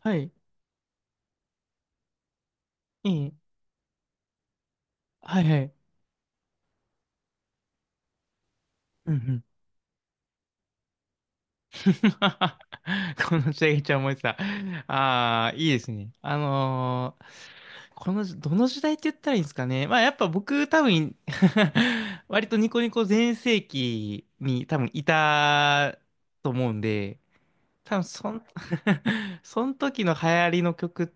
はい。いい。はいはい。うんうん。このシャギちゃん思いてた。ああ、いいですね。この、どの時代って言ったらいいんですかね。まあやっぱ僕多分 割とニコニコ全盛期に多分いたと思うんで、多分そん、その時の流行りの曲、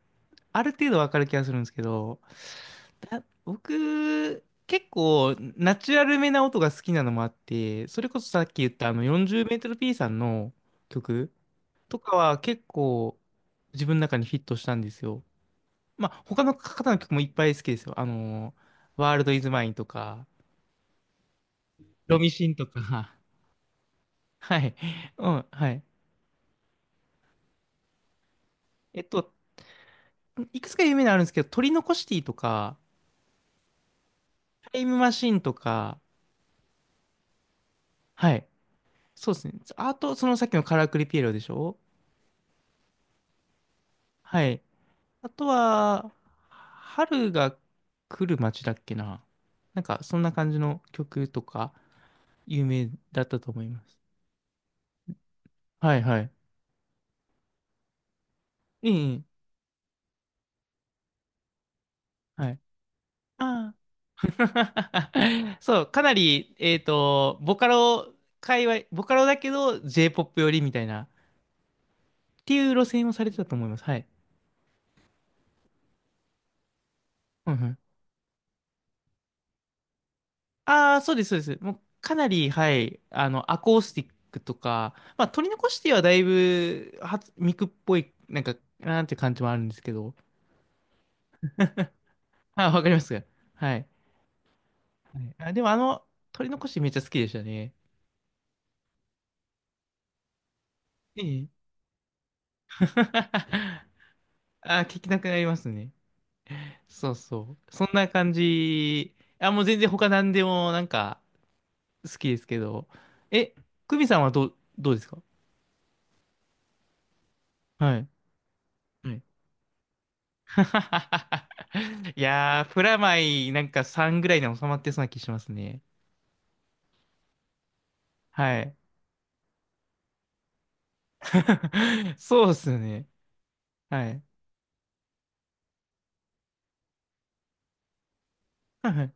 ある程度わかる気がするんですけど、僕、結構ナチュラルめな音が好きなのもあって、それこそさっき言ったあの40メートル P さんの曲とかは結構自分の中にフィットしたんですよ。まあ他の方の曲もいっぱい好きですよ。あの、ワールドイズマインとか、ロミシンとか、はい。うん、はい。えっと、いくつか有名なのあるんですけど、鳥のコシティとか、タイムマシンとか、はい。そうですね。あと、そのさっきのカラクリピエロでしょ？はい。あとは、春が来る街だっけな。なんか、そんな感じの曲とか、有名だったと思います。はいはい。ええ、はい。ああ。そう、かなり、ボカロ界隈、ボカロだけど J-POP 寄りみたいな、っていう路線をされてたと思います。はい。ああ、そうです、そうです。もうかなり、はい、あの、アコースティックとか、まあ、取り残してはだいぶ、ミクっぽい、なんか、なんていう感じもあるんですけど。あ、わかります。はい。はい。あ、でも、あの、取り残しめっちゃ好きでしたね。ええ。あー、聞きなくなりますね。そうそう。そんな感じ。あ、もう全然他何でも、なんか、好きですけど。え、クミさんはどうですか？はい。いやー、プラマイなんか3ぐらいで収まってそうな気しますね。はい。そうっすね。はい。はいはい。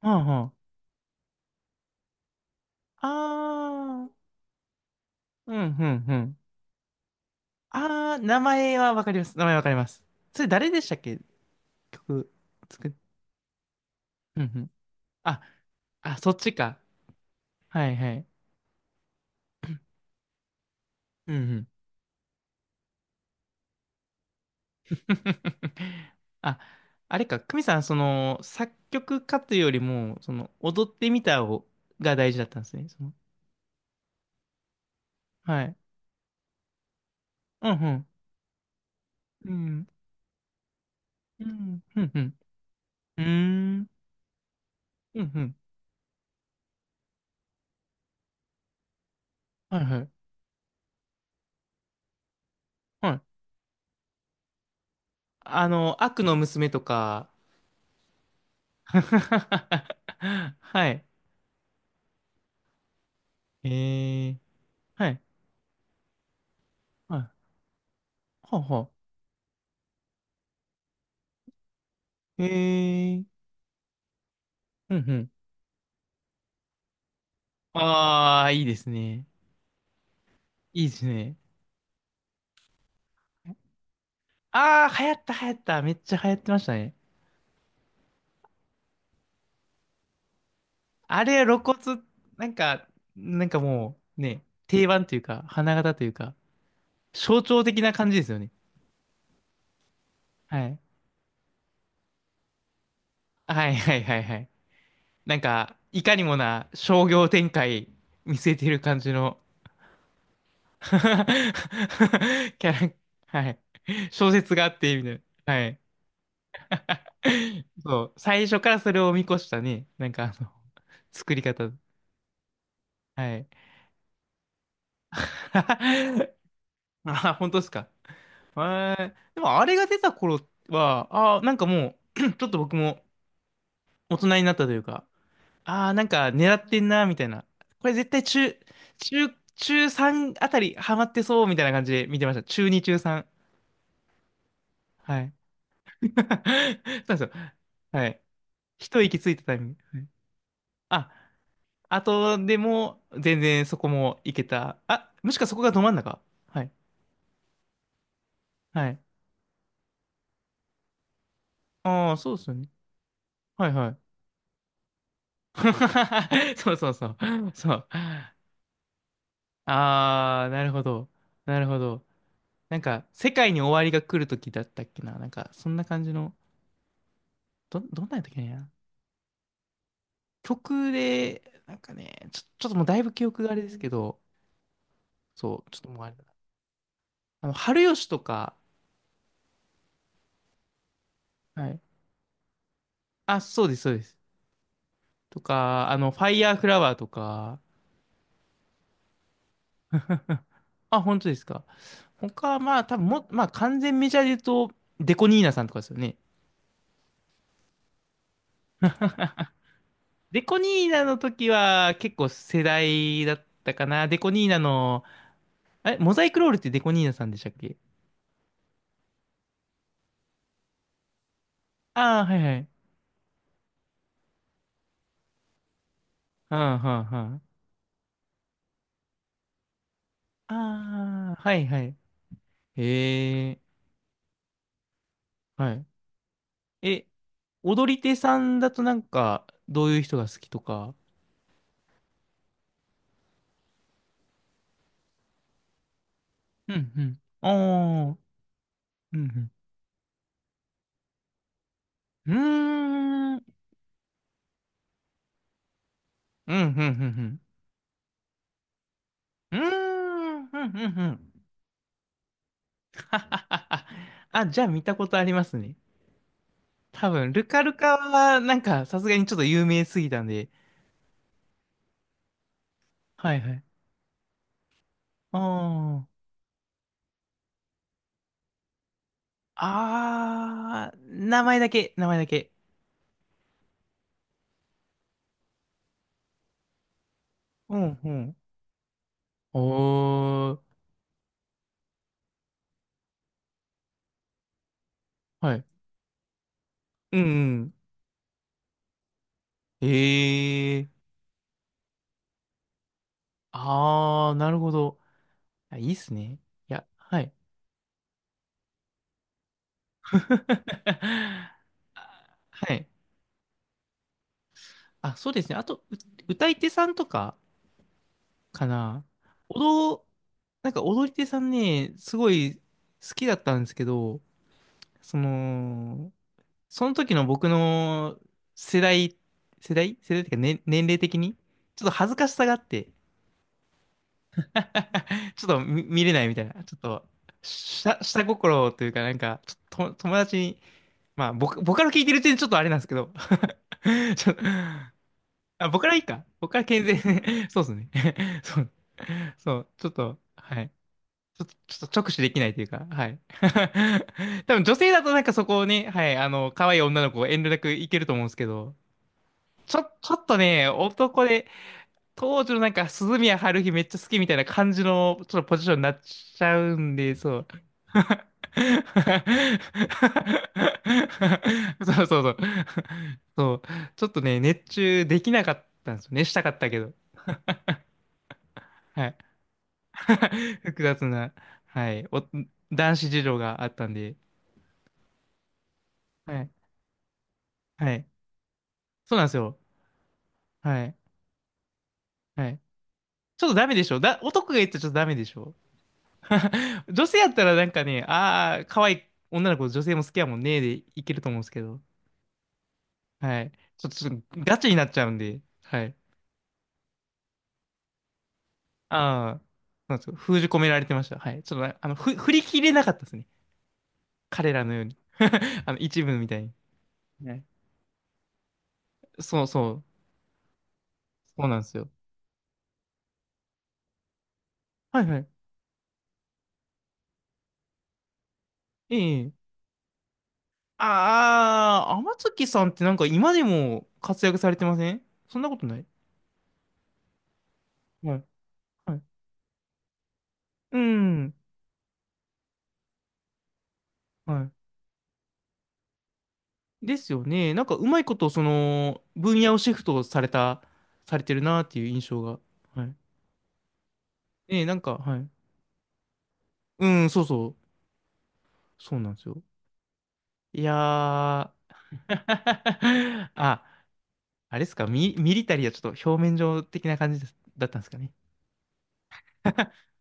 はんはん。あー、うん、うん、うん。あー、名前はわかります。名前わかります。それ誰でしたっけ？曲作っ、うん、うん。あ、あ、そっちか。はいはい。うんうん。あ、あれか、久美さん、その、作曲家というよりも、その、踊ってみたをが大事だったんですね。そのはい。うん、うん。うん、うん、うん。うーん、うん、うん。はい、はい。はい。あの、悪の娘とか。はい。えー、はい。はい。ほうほう。えー、うん、うん。ああ、いいですね。いいですね。ああ、流行った、流行った。めっちゃ流行ってましたね。あれ、露骨、なんか、なんかもう、ね、定番というか、花形というか、象徴的な感じですよね。はい。はい、はい、はい、はい。なんか、いかにもな商業展開見据えてる感じの キャラ、はい。小説があって、みたいな。はい。そう。最初からそれを見越したね。なんか、あの、作り方。はい。あ、本当ですか。えー、でも、あれが出た頃は、あー、なんかもう ちょっと僕も大人になったというか、ああ、なんか狙ってんな、みたいな。これ絶対中、中、中3あたりハマってそう、みたいな感じで見てました。中2、中3。はい。そうなんですよ。はい。一息ついたタイミング。はい。あ、あとでも、全然そこもいけた。あ、もしかそこがど真ん中。はい。はい。ああ、そうですよね。はいはい。そうそうそう。そう。ああ、なるほど。なるほど。なんか、世界に終わりが来る時だったっけな。なんか、そんな感じの。どんなんやったっけね。曲で、なんかね、ちょっともうだいぶ記憶があれですけど、そう、ちょっともうあれだな。あの、春吉とか、はい。あ、そうです、そうです。とか、あの、ファイヤーフラワーとか、あ、本当ですか。他はまあ、多分も、まあ、完全メジャーで言うと、デコニーナさんとかですよね。デコニーナの時は結構世代だったかな。デコニーナの、あれ、モザイクロールってデコニーナさんでしたっけ？ああー、はいはい。うん、うん、うん。ああ、はいはい。へえ。はい。え、踊り手さんだとなんか、どういう人が好きとか。うん、うん。ああ、うん、うん。うーん、うん、うん、うん、うん。うーん、うん、うん、うん。ははははあ、じゃあ見たことありますね。多分、ルカルカは、なんか、さすがにちょっと有名すぎたんで。はい、はい。ああ。あー、名前だけ、名前だけ。うん、うん。おー、はい。うん、うん。えー。ああ、なるほど。あいいっすね。いや、はい。あはい。あ、そうですね。あと、う歌い手さんとかかな。踊、なんか踊り手さんね、すごい好きだったんですけど、その、その時の僕の世代、世代っていうか、ね、年齢的に、ちょっと恥ずかしさがあって、ちょっと見、見れないみたいな。ちょっと、下心というか、なんか、ちょっと友達にまあ、僕から聞いてる点ちょっとあれなんですけど。ちょっとあ、僕からいいか。僕から健全。そうですね。そう、そう、ちょっと、はい。ちょっと直視できないというか、はい。多分女性だとなんかそこをね、はい、あの、可愛い女の子遠慮なくいけると思うんですけど、ちょっとね、男で、当時のなんか、鈴宮春日めっちゃ好きみたいな感じの、ちょっとポジションになっちゃうんで、そう。そうそうそう。そう。ちょっとね、熱中できなかったんですよね。したかったけど。はい。複雑な、はい。お、男子事情があったんで。はい。はい。そうなんですよ。はい。はい。ちょっとダメでしょだ、男が言ったらちょっとダメでしょ？ 女性やったらなんかね、ああ、可愛い女の子、女性も好きやもんね、でいけると思うんですけど。はい。ちょっとガチになっちゃうんで。はい。ああ、なんですか。封じ込められてました。はい。ちょっとね、あの、振り切れなかったですね。彼らのように。あの、一部みたいに。はい、そうそう。そうなんですよ。はいはい。ええ。ああ、天月さんってなんか今でも活躍されてませんそんなことないはい。はい。うん。はい。ですよね。なんかうまいこと、その、分野をシフトされた、されてるなっていう印象が。はい。ええ、なんか、はい。うん、そうそう。そうなんですよ。いやー。あ、あれですか、ミリタリーはちょっと表面上的な感じですだったんですかね。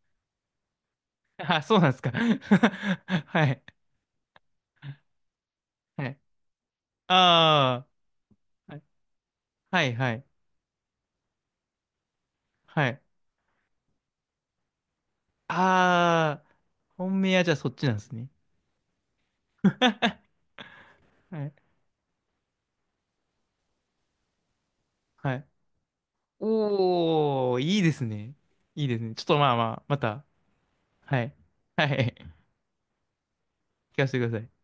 あ、そうなんですか。はい。はい。ああ。はい、はい、はい。はい。ああ。本命はじゃあそっちなんですね。はい。はい。おー、いいですね。いいですね。ちょっとまあまあ、また、はい。はい。聞かせてください。